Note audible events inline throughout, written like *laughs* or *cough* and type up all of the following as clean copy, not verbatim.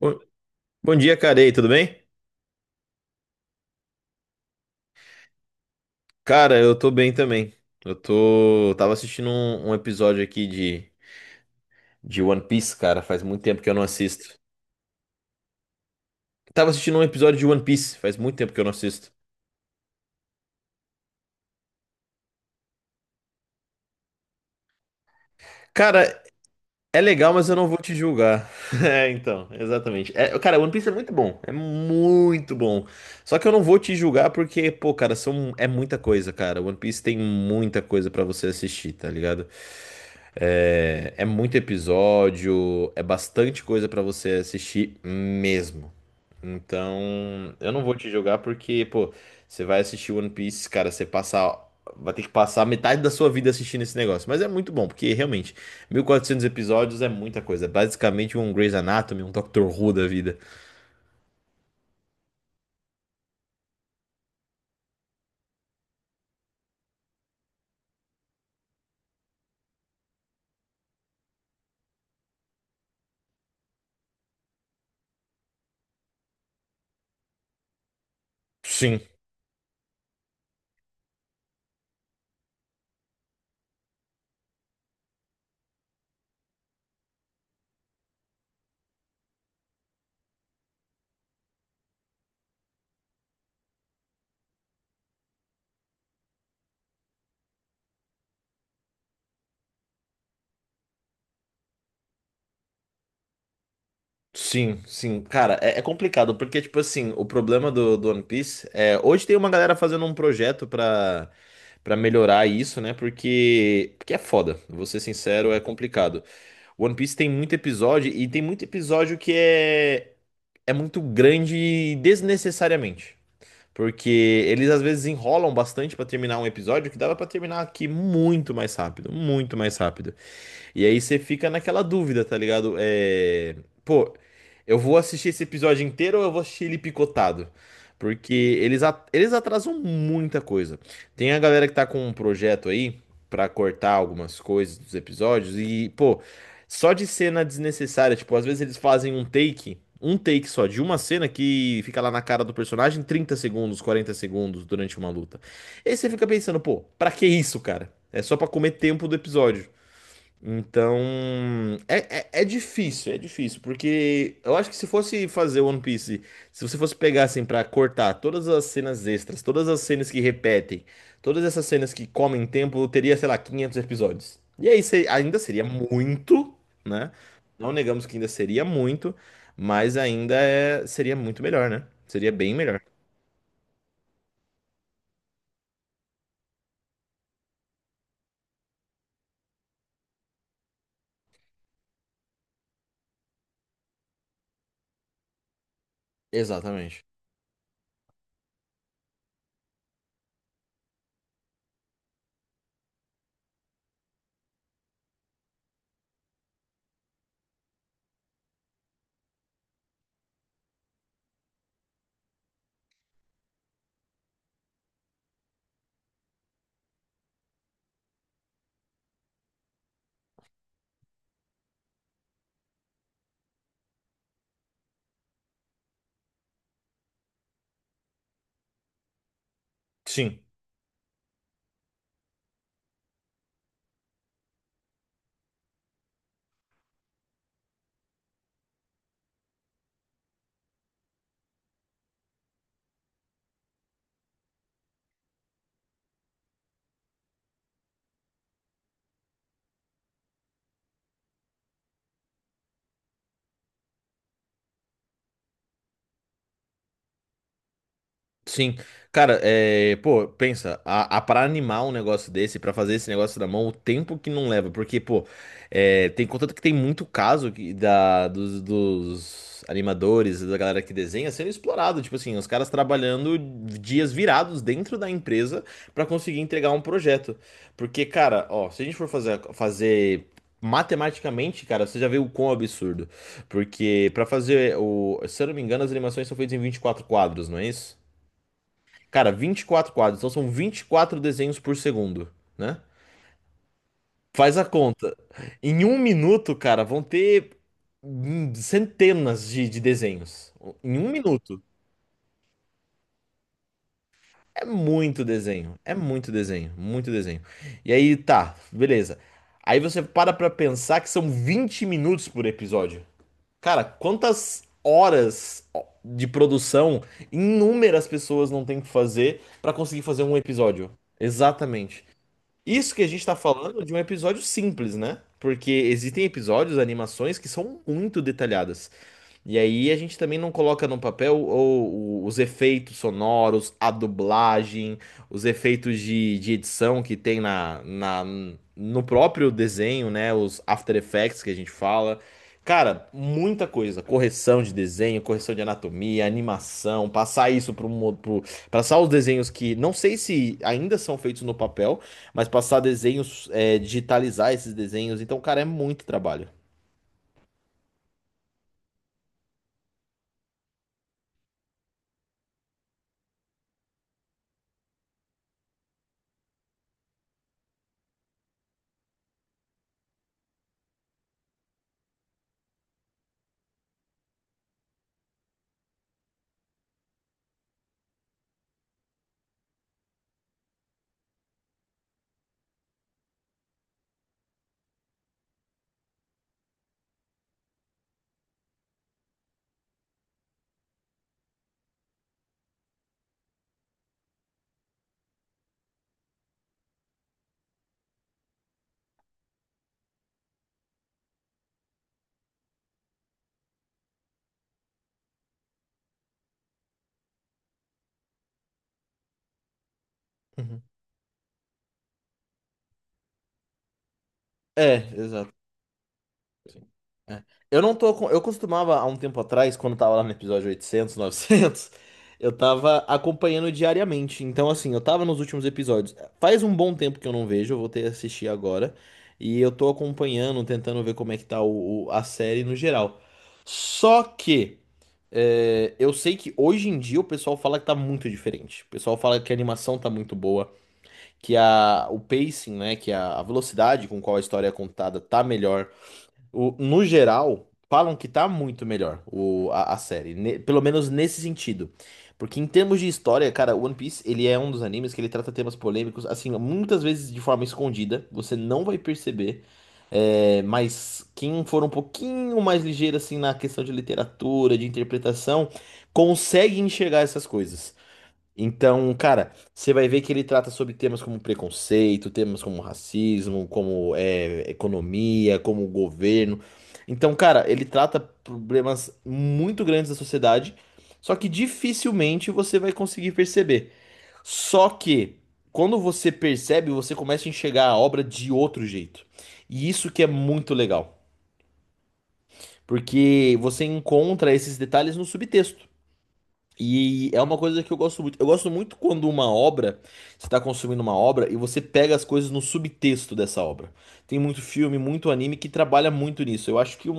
Bom, bom dia, cara. E aí, tudo bem? Cara, eu tô bem também. Eu tô. Tava assistindo um episódio aqui de One Piece, cara. Faz muito tempo que eu não assisto. Tava assistindo um episódio de One Piece, faz muito tempo que eu não assisto. Cara, é legal, mas eu não vou te julgar. *laughs* É, então, exatamente. É, cara, One Piece é muito bom. É muito bom. Só que eu não vou te julgar porque, pô, cara, são, é muita coisa, cara. One Piece tem muita coisa pra você assistir, tá ligado? É, é muito episódio, é bastante coisa pra você assistir mesmo. Então, eu não vou te julgar porque, pô, você vai assistir One Piece, cara, você passar. Vai ter que passar metade da sua vida assistindo esse negócio. Mas é muito bom, porque realmente, 1.400 episódios é muita coisa. É basicamente um Grey's Anatomy, um Doctor Who da vida. Sim, sim. Cara, é complicado, porque, tipo assim, o problema do One Piece é. Hoje tem uma galera fazendo um projeto pra melhorar isso, né? Porque é foda, vou ser sincero, é complicado. One Piece tem muito episódio, e tem muito episódio que é muito grande desnecessariamente. Porque eles às vezes enrolam bastante pra terminar um episódio que dava pra terminar aqui muito mais rápido, muito mais rápido. E aí você fica naquela dúvida, tá ligado? Pô, eu vou assistir esse episódio inteiro ou eu vou assistir ele picotado? Porque eles, eles atrasam muita coisa. Tem a galera que tá com um projeto aí pra cortar algumas coisas dos episódios e, pô, só de cena desnecessária, tipo, às vezes eles fazem um take só de uma cena que fica lá na cara do personagem 30 segundos, 40 segundos durante uma luta. E aí você fica pensando, pô, pra que isso, cara? É só pra comer tempo do episódio. Então, é difícil, é difícil, porque eu acho que se fosse fazer One Piece, se você fosse pegar assim pra cortar todas as cenas extras, todas as cenas que repetem, todas essas cenas que comem tempo, eu teria, sei lá, 500 episódios. E aí ainda seria muito, né? Não negamos que ainda seria muito, mas ainda seria muito melhor, né? Seria bem melhor. Exatamente. Sim. Sim, cara, pô, pensa, a para animar um negócio desse, pra fazer esse negócio na mão, o tempo que não leva, porque, pô, é, tem contanto que tem muito caso que, dos animadores, da galera que desenha, sendo explorado, tipo assim, os caras trabalhando dias virados dentro da empresa pra conseguir entregar um projeto, porque, cara, ó, se a gente for fazer matematicamente, cara, você já viu o quão absurdo, porque pra fazer o, se eu não me engano, as animações são feitas em 24 quadros, não é isso? Cara, 24 quadros, então são 24 desenhos por segundo, né? Faz a conta. Em um minuto, cara, vão ter centenas de desenhos. Em um minuto. É muito desenho. É muito desenho. Muito desenho. E aí, tá, beleza. Aí você para pra pensar que são 20 minutos por episódio. Cara, quantas horas de produção inúmeras pessoas não têm que fazer pra conseguir fazer um episódio? Exatamente. Isso que a gente tá falando de um episódio simples, né? Porque existem episódios, animações que são muito detalhadas. E aí a gente também não coloca no papel os efeitos sonoros, a dublagem, os efeitos de edição que tem no próprio desenho, né? Os After Effects que a gente fala. Cara, muita coisa. Correção de desenho, correção de anatomia, animação, passar isso para um pro, passar os desenhos que não sei se ainda são feitos no papel, mas passar desenhos, é, digitalizar esses desenhos. Então, cara, é muito trabalho. Uhum. É, exato. Sim. É. Eu não tô com... Eu costumava, há um tempo atrás, quando tava lá no episódio 800, 900, *laughs* eu tava acompanhando diariamente. Então, assim, eu tava nos últimos episódios. Faz um bom tempo que eu não vejo, eu voltei a assistir agora. E eu tô acompanhando, tentando ver como é que tá a série no geral. Só que, é, eu sei que hoje em dia o pessoal fala que tá muito diferente. O pessoal fala que a animação tá muito boa, que a, o pacing, né, que a velocidade com qual a história é contada tá melhor. No geral, falam que tá muito melhor a série, pelo menos nesse sentido. Porque em termos de história, cara, One Piece, ele é um dos animes que ele trata temas polêmicos, assim, muitas vezes de forma escondida, você não vai perceber. É, mas quem for um pouquinho mais ligeiro, assim, na questão de literatura, de interpretação, consegue enxergar essas coisas. Então, cara, você vai ver que ele trata sobre temas como preconceito, temas como racismo, como é, economia, como governo. Então, cara, ele trata problemas muito grandes da sociedade, só que dificilmente você vai conseguir perceber. Só que, quando você percebe, você começa a enxergar a obra de outro jeito. E isso que é muito legal, porque você encontra esses detalhes no subtexto. E é uma coisa que eu gosto muito. Eu gosto muito quando uma obra, você está consumindo uma obra e você pega as coisas no subtexto dessa obra. Tem muito filme, muito anime que trabalha muito nisso. Eu acho que um,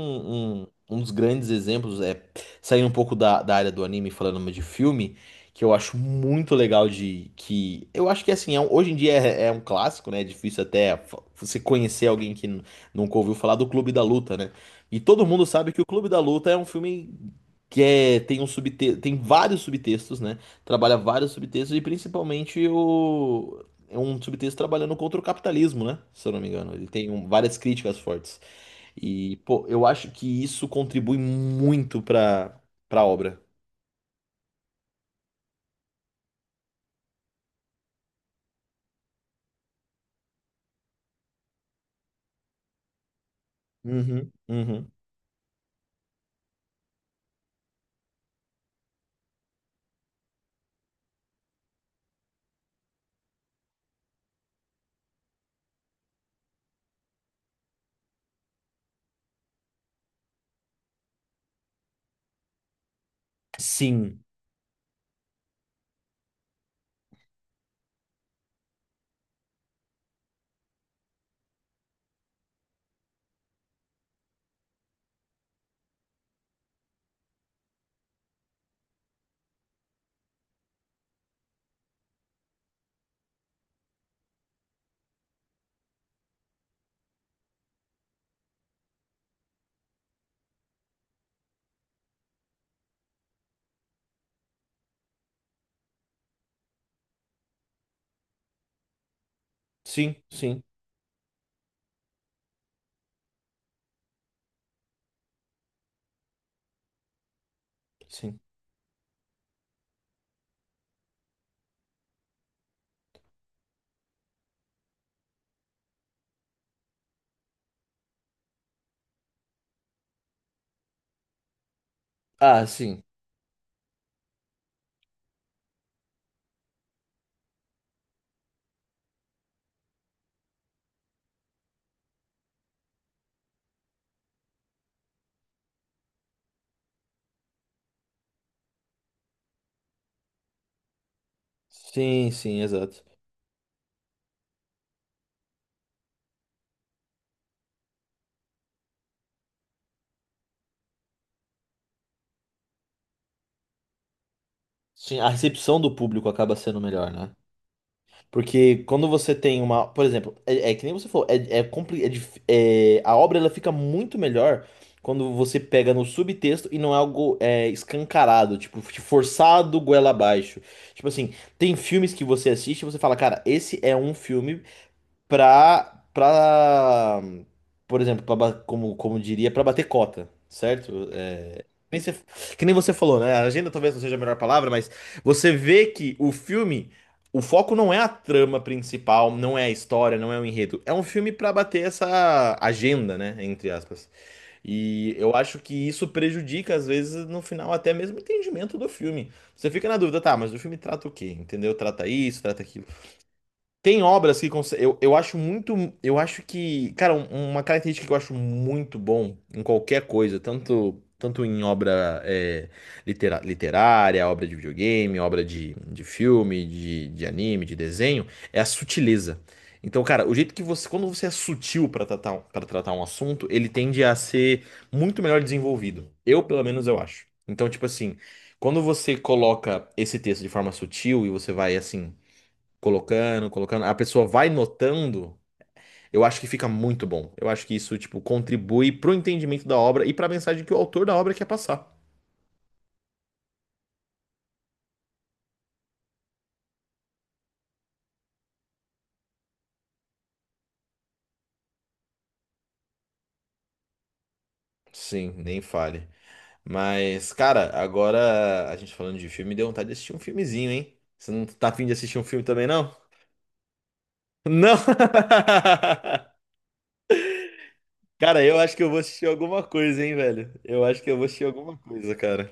um, um dos grandes exemplos é saindo um pouco da área do anime, e falando de filme, que eu acho muito legal de que eu acho que assim, hoje em dia é um clássico, né? É difícil até você conhecer alguém que nunca ouviu falar do Clube da Luta, né? E todo mundo sabe que o Clube da Luta é um filme que é, tem vários subtextos, né? Trabalha vários subtextos e principalmente o é um subtexto trabalhando contra o capitalismo, né? Se eu não me engano, ele tem várias críticas fortes. E pô, eu acho que isso contribui muito para para obra. Uhum. Sim, sim, sim, sim. Ah, sim. Sim, sim, exato. Sim, a recepção do público acaba sendo melhor, né? Porque quando você tem uma. Por exemplo, é, é que nem você falou, a obra ela fica muito melhor quando você pega no subtexto e não é algo é, escancarado, tipo, forçado goela abaixo. Tipo assim, tem filmes que você assiste e você fala, cara, esse é um filme pra, pra, por exemplo, como, como diria, pra bater cota, certo? É, nem você- que nem você falou, né? A agenda talvez não seja a melhor palavra, mas você vê que o filme, o foco não é a trama principal, não é a história, não é o enredo. É um filme pra bater essa agenda, né? Entre aspas. E eu acho que isso prejudica, às vezes, no final, até mesmo o entendimento do filme. Você fica na dúvida, tá, mas o filme trata o quê? Entendeu? Trata isso, trata aquilo. Tem obras que consegue, eu acho muito, eu acho que, cara, uma característica que eu acho muito bom em qualquer coisa, tanto em obra é, literária, obra de videogame, obra de filme, de anime, de desenho, é a sutileza. Então, cara, o jeito que você, quando você é sutil para tratar um assunto, ele tende a ser muito melhor desenvolvido. Eu, pelo menos, eu acho. Então, tipo assim, quando você coloca esse texto de forma sutil e você vai assim colocando, a pessoa vai notando, eu acho que fica muito bom. Eu acho que isso, tipo, contribui pro entendimento da obra e pra mensagem que o autor da obra quer passar. Sim, nem fale. Mas, cara, agora a gente falando de filme, deu vontade de assistir um filmezinho, hein? Você não tá afim de assistir um filme também, não? Não! *laughs* Cara, eu acho que eu vou assistir alguma coisa, hein, velho? Eu acho que eu vou assistir alguma coisa, cara.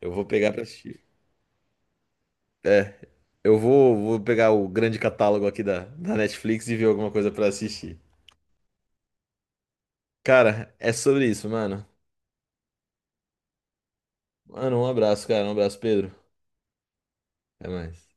Eu vou pegar pra assistir. É, eu vou pegar o grande catálogo aqui da Netflix e ver alguma coisa pra assistir. Cara, é sobre isso, mano. Mano, um abraço, cara. Um abraço, Pedro. Até mais.